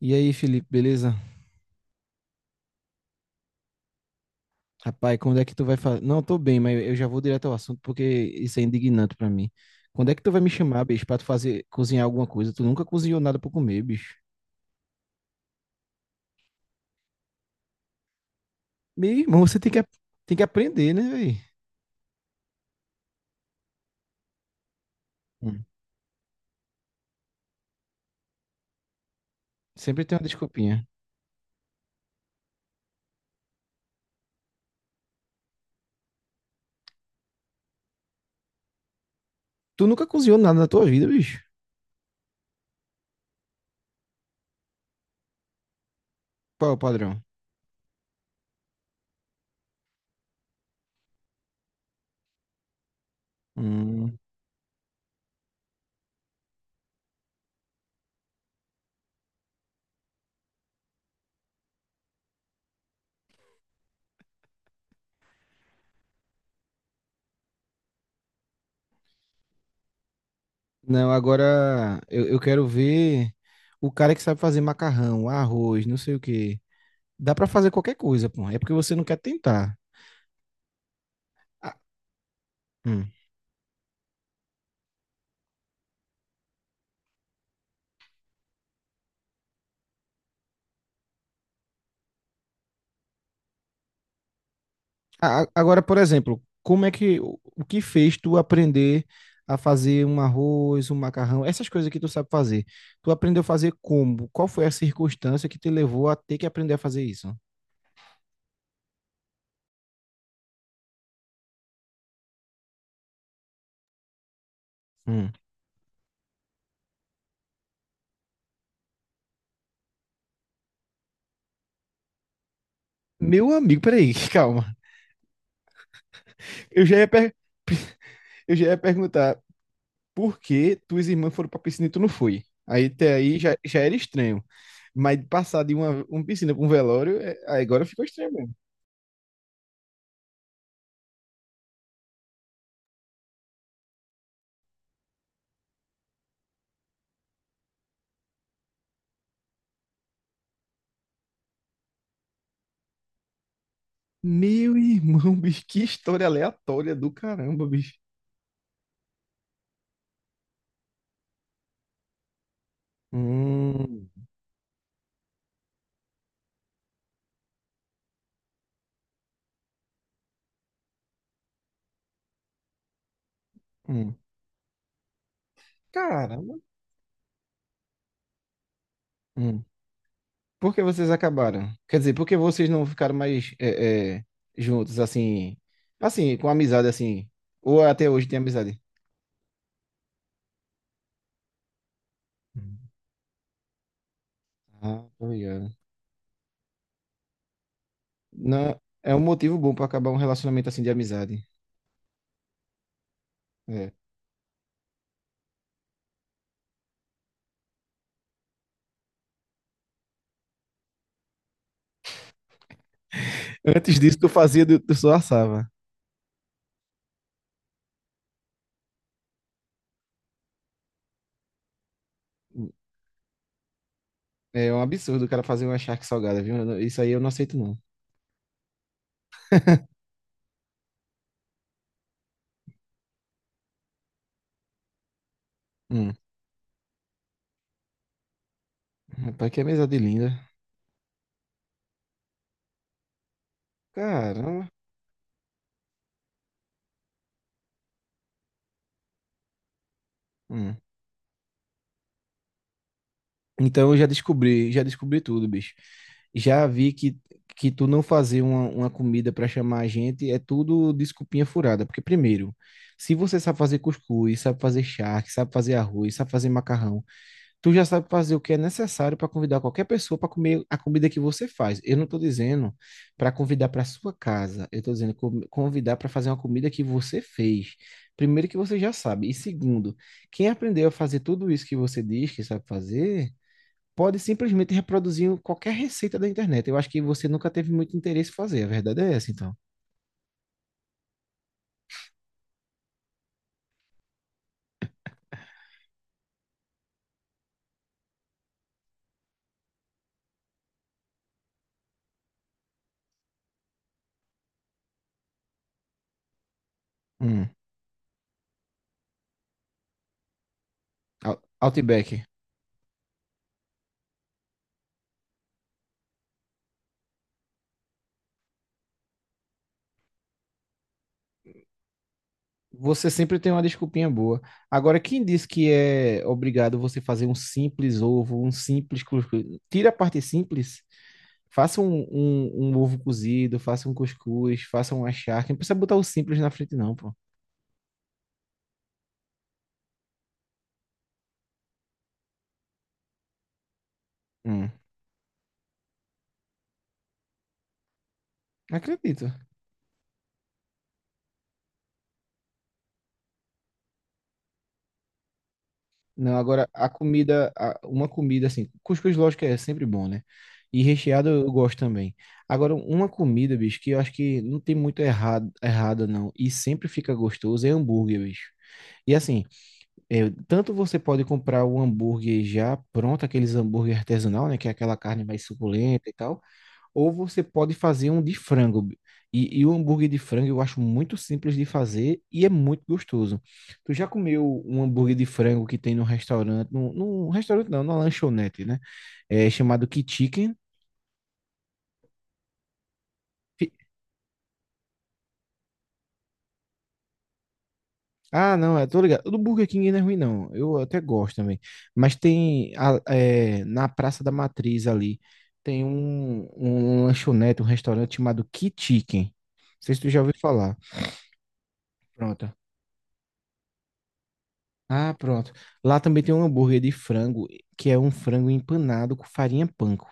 E aí, Felipe, beleza? Rapaz, quando é que tu vai fazer? Não, tô bem, mas eu já vou direto ao assunto porque isso é indignante pra mim. Quando é que tu vai me chamar, bicho, pra tu fazer cozinhar alguma coisa? Tu nunca cozinhou nada pra comer, bicho. Meu irmão, você tem tem que aprender, né, velho? Hum. Sempre tem uma desculpinha. Tu nunca cozinhou nada na tua vida, bicho? Qual é o padrão? Hum. Não, agora eu quero ver o cara que sabe fazer macarrão, arroz, não sei o quê. Dá pra fazer qualquer coisa, pô. É porque você não quer tentar. Ah, hum. Agora, por exemplo, como é que o que fez tu aprender a fazer um arroz, um macarrão, essas coisas que tu sabe fazer? Tu aprendeu a fazer como? Qual foi a circunstância que te levou a ter que aprender a fazer isso? Hum. Meu amigo, peraí, calma. Eu já ia, per- eu já ia perguntar por que tuas irmãs foram pra piscina e tu não foi. Aí até aí já era estranho. Mas passar de uma piscina pra um velório, aí agora ficou estranho mesmo. Meu irmão, bicho, que história aleatória do caramba, bicho. Hum, hum. Caramba. Hum. Por que vocês acabaram? Quer dizer, por que vocês não ficaram mais juntos, assim, assim, com amizade, assim? Ou até hoje tem amizade? Hum. Ah, tô ligado. Não, é um motivo bom pra acabar um relacionamento assim de amizade. É. Antes disso, tu tu só assava. É um absurdo o cara fazer uma charque salgada, viu? Eu não- Isso aí eu não aceito, não. Hum. Rapaz, que amizade linda. Caramba. Hum. Então eu já descobri tudo, bicho. Já vi que tu não fazer uma comida para chamar a gente é tudo desculpinha furada. Porque, primeiro, se você sabe fazer cuscuz, sabe fazer charque, sabe fazer arroz, sabe fazer macarrão, tu já sabe fazer o que é necessário para convidar qualquer pessoa para comer a comida que você faz. Eu não estou dizendo para convidar para sua casa, eu estou dizendo convidar para fazer uma comida que você fez. Primeiro que você já sabe. E segundo, quem aprendeu a fazer tudo isso que você diz que sabe fazer pode simplesmente reproduzir qualquer receita da internet. Eu acho que você nunca teve muito interesse em fazer. A verdade é essa, então. Hum. Outback. Você sempre tem uma desculpinha boa. Agora, quem diz que é obrigado você fazer um simples ovo, um simples cuscuz? Tira a parte simples, faça um ovo cozido, faça um cuscuz, faça uma charque. Não precisa botar o simples na frente, não, pô. Hum. Não acredito. Não, agora a comida, uma comida assim, cuscuz lógico é sempre bom, né? E recheado eu gosto também. Agora, uma comida, bicho, que eu acho que não tem muito errado, errada não, e sempre fica gostoso, é hambúrguer, bicho. E assim, é, tanto você pode comprar o hambúrguer já pronto, aqueles hambúrguer artesanal, né? Que é aquela carne mais suculenta e tal, ou você pode fazer um de frango. E o hambúrguer de frango eu acho muito simples de fazer e é muito gostoso. Tu já comeu um hambúrguer de frango que tem no restaurante, no restaurante não, na lanchonete, né? É chamado K-Chicken. Fi- Ah, não, é, tô ligado. O do Burger King não é ruim, não. Eu até gosto também. Mas é, na Praça da Matriz ali, tem um lanchonete, um restaurante chamado K-Chicken. Não sei se tu já ouviu falar. Pronto. Ah, pronto. Lá também tem um hambúrguer de frango, que é um frango empanado com farinha panko.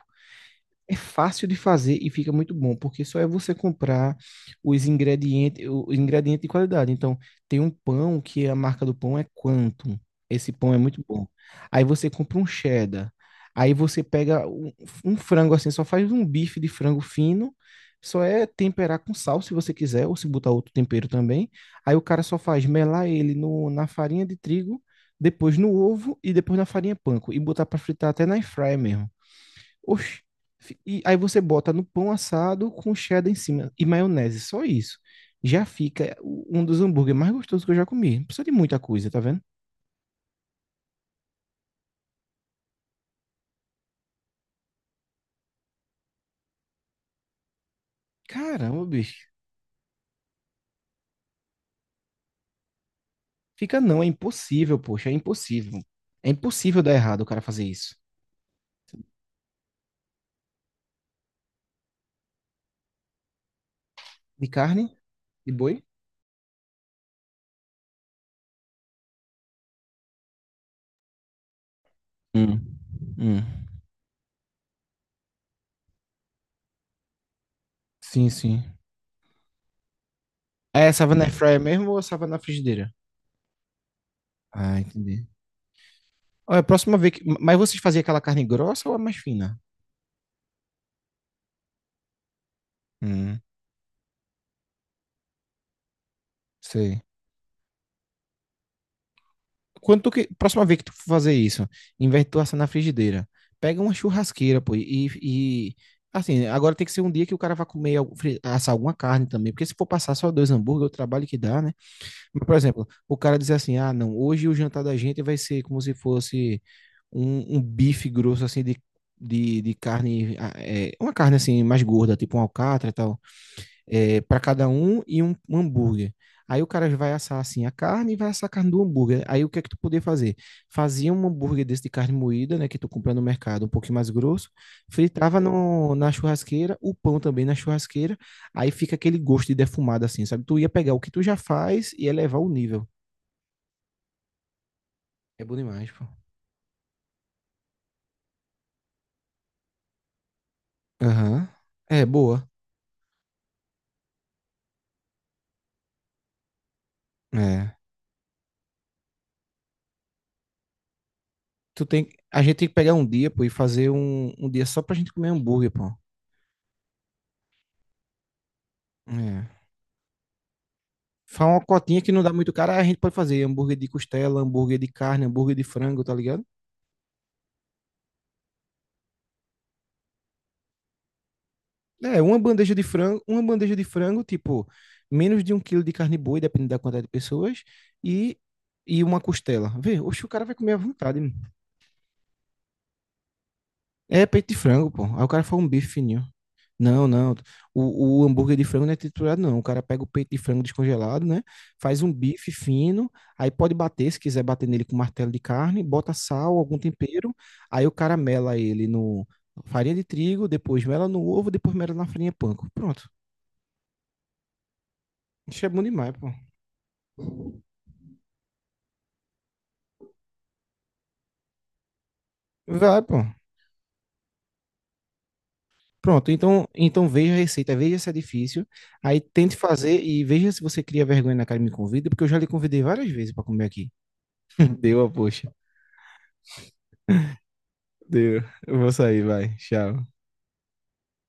É fácil de fazer e fica muito bom, porque só é você comprar os ingredientes, o ingrediente de qualidade. Então, tem um pão que a marca do pão é Quantum. Esse pão é muito bom. Aí você compra um cheddar. Aí você pega um frango assim, só faz um bife de frango fino. Só é temperar com sal, se você quiser, ou se botar outro tempero também. Aí o cara só faz melar ele no, na farinha de trigo, depois no ovo e depois na farinha panko. E botar para fritar até na air fryer mesmo. Oxi. E aí você bota no pão assado com cheddar em cima e maionese, só isso. Já fica um dos hambúrgueres mais gostosos que eu já comi. Não precisa de muita coisa, tá vendo? Caramba, bicho. Fica não, é impossível, poxa, é impossível. É impossível dar errado o cara fazer isso. De carne? De boi? Hum. Hum. Sim, sim. É essa na air fryer mesmo ou essa na frigideira? Ah, entendi. Olha, a próxima vez que... Mas vocês faziam aquela carne grossa ou a mais fina? Hum, sei. Quando tu que, próxima vez que tu for fazer isso, em vez de tu assar na frigideira, pega uma churrasqueira, pô, e assim, agora tem que ser um dia que o cara vai comer, assar alguma carne também, porque se for passar só dois hambúrguer, o trabalho que dá, né? Mas, por exemplo, o cara dizer assim, ah, não, hoje o jantar da gente vai ser como se fosse um bife grosso, assim, de carne, ah, é, uma carne, assim, mais gorda, tipo um alcatra tal, é, para cada um e um hambúrguer. Aí o cara vai assar assim a carne e vai assar a carne do hambúrguer. Aí o que é que tu podia fazer? Fazia um hambúrguer desse de carne moída, né, que tu compra no mercado, um pouquinho mais grosso, fritava no, na churrasqueira, o pão também na churrasqueira, aí fica aquele gosto de defumado assim, sabe? Tu ia pegar o que tu já faz e elevar o nível. É bom demais, pô. Aham. É boa. É. Tu tem, a gente tem que pegar um dia, pô, e fazer um dia só pra gente comer hambúrguer, pô. É. Faz uma cotinha que não dá muito cara, aí a gente pode fazer hambúrguer de costela, hambúrguer de carne, hambúrguer de frango, tá ligado? É, uma bandeja de frango, uma bandeja de frango, tipo, menos de um quilo de carne boi, dependendo da quantidade de pessoas, e, e uma costela. Vê, oxe, o cara vai comer à vontade, mano. É peito de frango, pô. Aí o cara faz um bife fininho. Não, não. O hambúrguer de frango não é triturado, não. O cara pega o peito de frango descongelado, né? Faz um bife fino, aí pode bater, se quiser bater nele com martelo de carne, bota sal, algum tempero, aí o cara mela ele no farinha de trigo, depois mela no ovo, depois mela na farinha panko. Pronto. Isso é bom demais, pô. Vai, pô. Pronto, então, então veja a receita, veja se é difícil, aí tente fazer e veja se você cria vergonha na cara e me convida, porque eu já lhe convidei várias vezes para comer aqui. Deu a poxa. Deu. Eu vou sair, vai. Tchau.